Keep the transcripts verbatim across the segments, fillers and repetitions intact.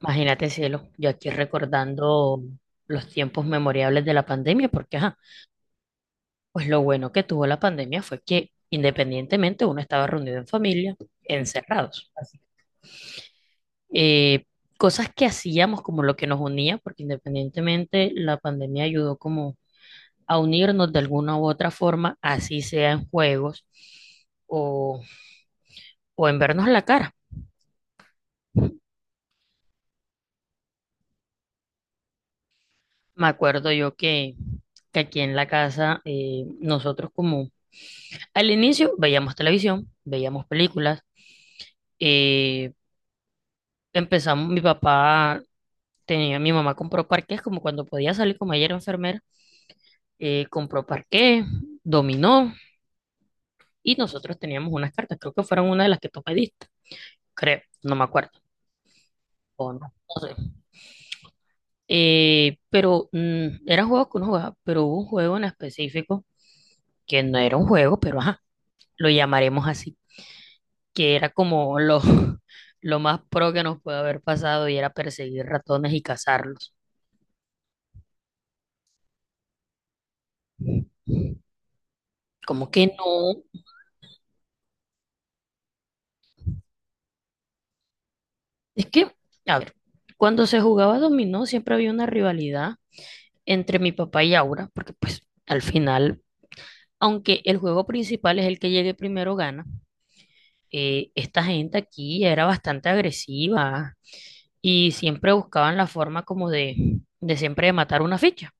Imagínate, cielo, yo aquí recordando los tiempos memorables de la pandemia, porque ajá, pues lo bueno que tuvo la pandemia fue que independientemente uno estaba reunido en familia, encerrados. Así. Eh, Cosas que hacíamos como lo que nos unía, porque independientemente la pandemia ayudó como a unirnos de alguna u otra forma, así sea en juegos o, o en vernos la cara. Me acuerdo yo que, que aquí en la casa eh, nosotros como al inicio veíamos televisión, veíamos películas, eh, Empezamos, mi papá tenía, mi mamá compró parqués, como cuando podía salir, como ella era enfermera. Eh, compró parqués, dominó, y nosotros teníamos unas cartas, creo que fueron una de las que tú pediste, creo, no me acuerdo, o no, no sé. Eh, pero mm, eran juegos que uno jugaba, pero hubo un juego en específico que no era un juego, pero ajá, lo llamaremos así, que era como lo, lo más pro que nos puede haber pasado, y era perseguir ratones y cazarlos. Como que no, es que, a ver, cuando se jugaba dominó siempre había una rivalidad entre mi papá y Aura, porque pues al final, aunque el juego principal es el que llegue primero gana, eh, esta gente aquí era bastante agresiva y siempre buscaban la forma como de, de siempre de matar una ficha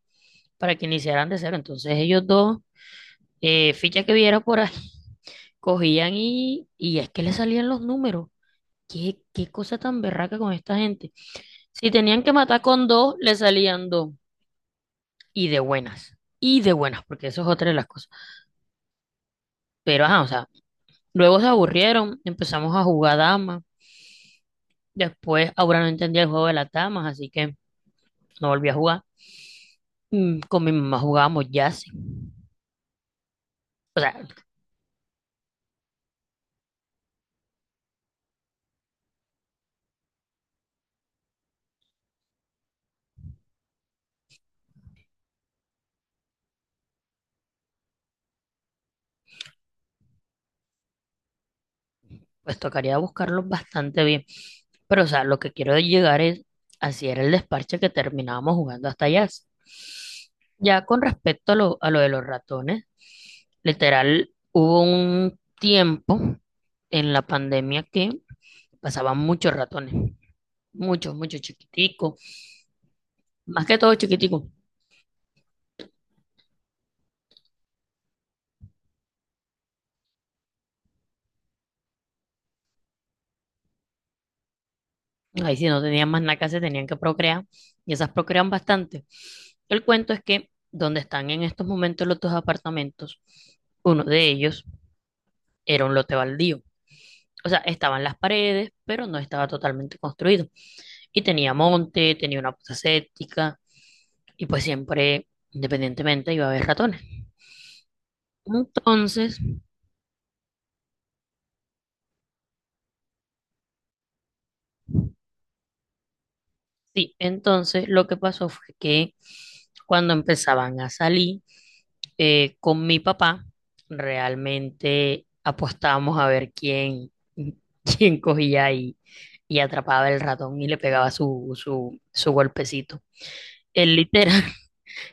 para que iniciaran de cero. Entonces ellos dos, eh, ficha que viera por ahí, cogían y, y es que le salían los números. ¿Qué, qué cosa tan berraca con esta gente? Si tenían que matar con dos, le salían dos. Y de buenas. Y de buenas, porque eso es otra de las cosas. Pero, ajá, o sea, luego se aburrieron, empezamos a jugar damas. Después, ahora no entendía el juego de las damas, así que no volví a jugar. Mm, Con mi mamá jugábamos jazz. O sea, pues tocaría buscarlos bastante bien. Pero, o sea, lo que quiero llegar es, así era el desparche que terminábamos jugando hasta jazz. Ya con respecto a lo, a lo de los ratones, literal, hubo un tiempo en la pandemia que pasaban muchos ratones, muchos, muchos chiquiticos, más que todo chiquiticos. Ahí sí no tenían más nada que hacer, tenían que procrear, y esas procrean bastante. El cuento es que donde están en estos momentos los dos apartamentos, uno de ellos era un lote baldío. O sea, estaban las paredes, pero no estaba totalmente construido. Y tenía monte, tenía una fosa séptica y pues siempre, independientemente, iba a haber ratones. Entonces, sí, entonces lo que pasó fue que cuando empezaban a salir eh, con mi papá, realmente apostábamos a ver quién, quién cogía y, y atrapaba el ratón y le pegaba su, su, su golpecito. Él literal,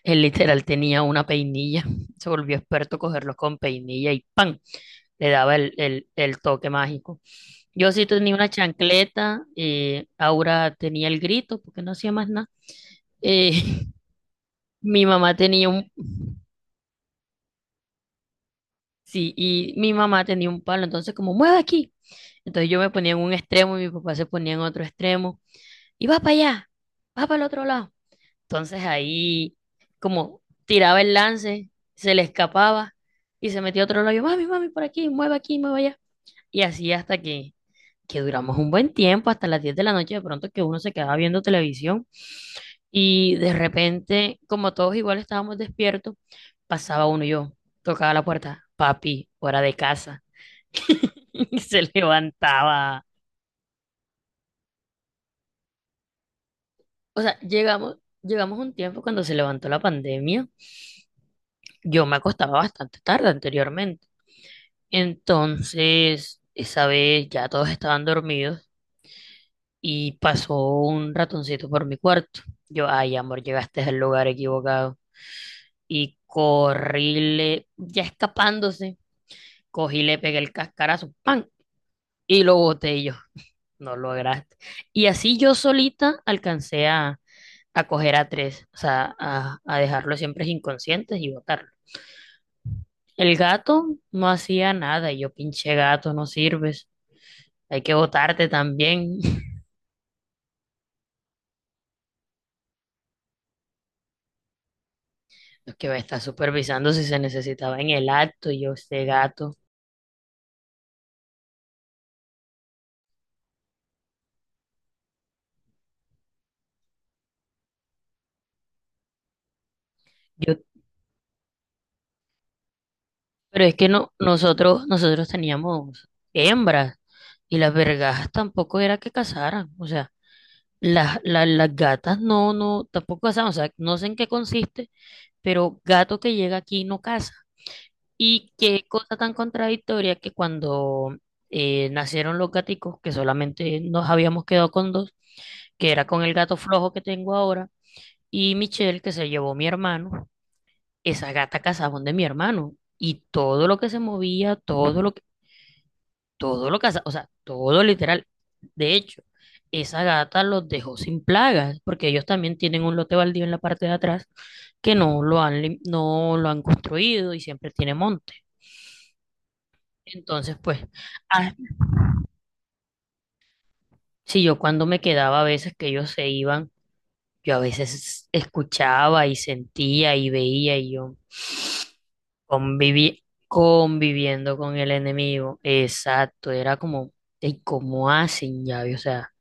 Él literal tenía una peinilla, se volvió experto cogerlos con peinilla y ¡pam! Le daba el, el- el toque mágico. Yo sí tenía una chancleta, eh, Aura tenía el grito porque no hacía más nada. Eh, mi mamá tenía un, sí, y mi mamá tenía un palo, entonces como, mueve aquí. Entonces yo me ponía en un extremo y mi papá se ponía en otro extremo y va para allá, va para el otro lado. Entonces ahí, como tiraba el lance, se le escapaba y se metía a otro lado. Yo, mami, mami, por aquí, mueve aquí, mueve allá. Y así hasta que, que duramos un buen tiempo, hasta las diez de la noche, de pronto que uno se quedaba viendo televisión. Y de repente, como todos igual estábamos despiertos, pasaba uno y yo, tocaba la puerta, papi, hora de casa. Y se levantaba. O sea, llegamos, llegamos un tiempo cuando se levantó la pandemia. Yo me acostaba bastante tarde anteriormente. Entonces, esa vez ya todos estaban dormidos y pasó un ratoncito por mi cuarto. Yo, ay, amor, llegaste al lugar equivocado. Y corríle, ya escapándose, cogí, le pegué el cascarazo, ¡pam! Y lo boté y yo. No lograste. Y así yo solita alcancé a, a coger a tres, o sea, a, a dejarlos siempre inconscientes y botarlos. El gato no hacía nada y yo, pinche gato, no sirves. Hay que botarte también. Lo que va a estar supervisando si se necesitaba en el acto, y yo este gato. Yo, pero es que no, nosotros, nosotros teníamos hembras, y las vergas tampoco era que cazaran. O sea, las, las, las gatas no, no, tampoco cazaban. O sea, no sé en qué consiste, pero gato que llega aquí no caza. Y qué cosa tan contradictoria que cuando eh, nacieron los gaticos, que solamente nos habíamos quedado con dos, que era con el gato flojo que tengo ahora, y Michelle, que se llevó mi hermano, esa gata cazaba donde mi hermano, y todo lo que se movía, todo lo que, todo lo cazaba, o sea, todo literal. De hecho, esa gata los dejó sin plagas porque ellos también tienen un lote baldío en la parte de atrás que no lo han, lim- no lo han construido y siempre tiene monte. Entonces, pues, ah, si yo cuando me quedaba a veces que ellos se iban, yo a veces escuchaba y sentía y veía y yo, Convivi- conviviendo con el enemigo. Exacto, era como, ¿y cómo hacen llave? O sea,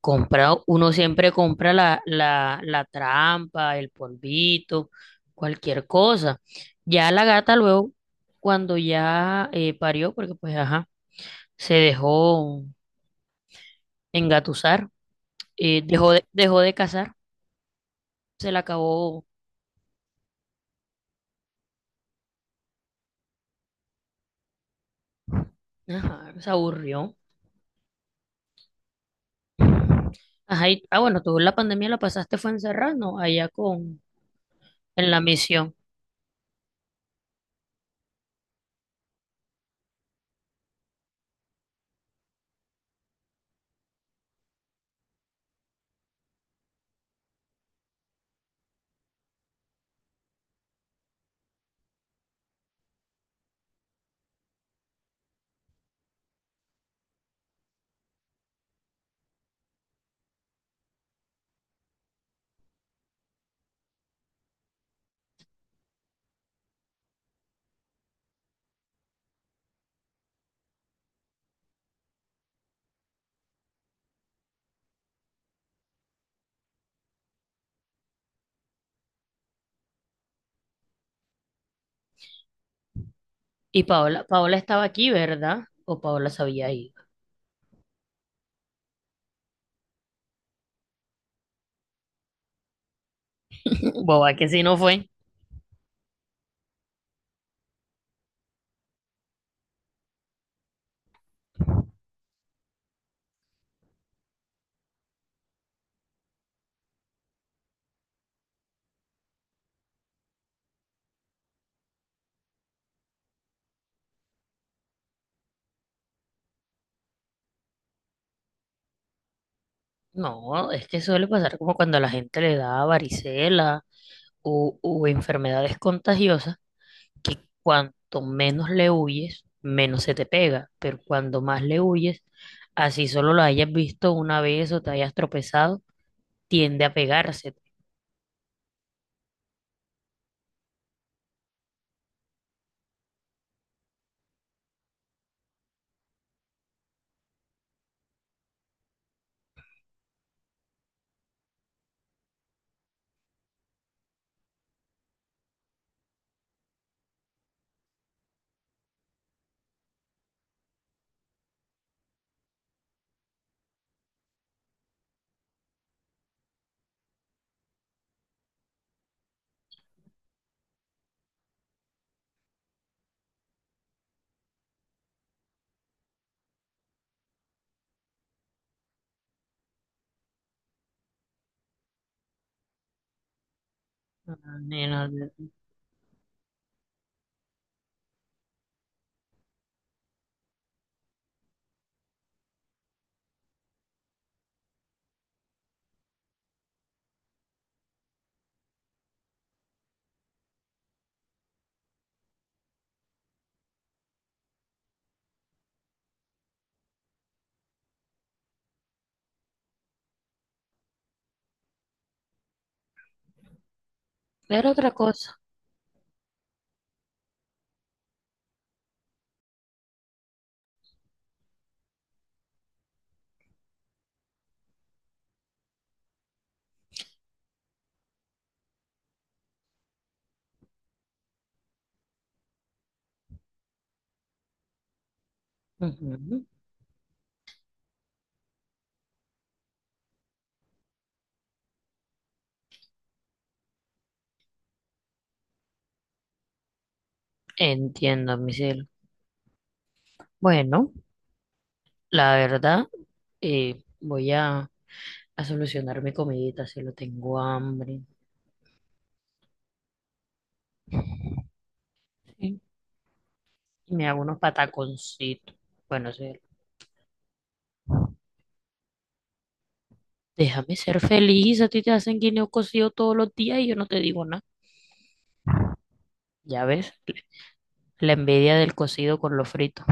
comprado, uno siempre compra la, la, la trampa, el polvito, cualquier cosa. Ya la gata luego, cuando ya eh, parió, porque pues ajá, se dejó engatusar, eh, dejó de, dejó de cazar, se la acabó, ajá, se aburrió. Ajá, y- ah, bueno, tú la pandemia la pasaste fue encerrada, ¿no? Allá con, en la misión. Y Paola, Paola estaba aquí, ¿verdad? O Paola se había ido. Boba, que si no fue. No, es que suele pasar como cuando a la gente le da varicela o, o enfermedades contagiosas, que cuanto menos le huyes, menos se te pega. Pero cuando más le huyes, así solo lo hayas visto una vez o te hayas tropezado, tiende a pegarse. Ah, nena, era otra cosa. Ujú. Entiendo, mi cielo. Bueno, la verdad. Eh, voy a, a solucionar mi comidita, si lo tengo hambre, ¿sí? Y me hago unos pataconcitos. Bueno, sí, déjame ser feliz, a ti te hacen guineo cocido todos los días y yo no te digo nada. Ya ves, la envidia del cocido con lo frito.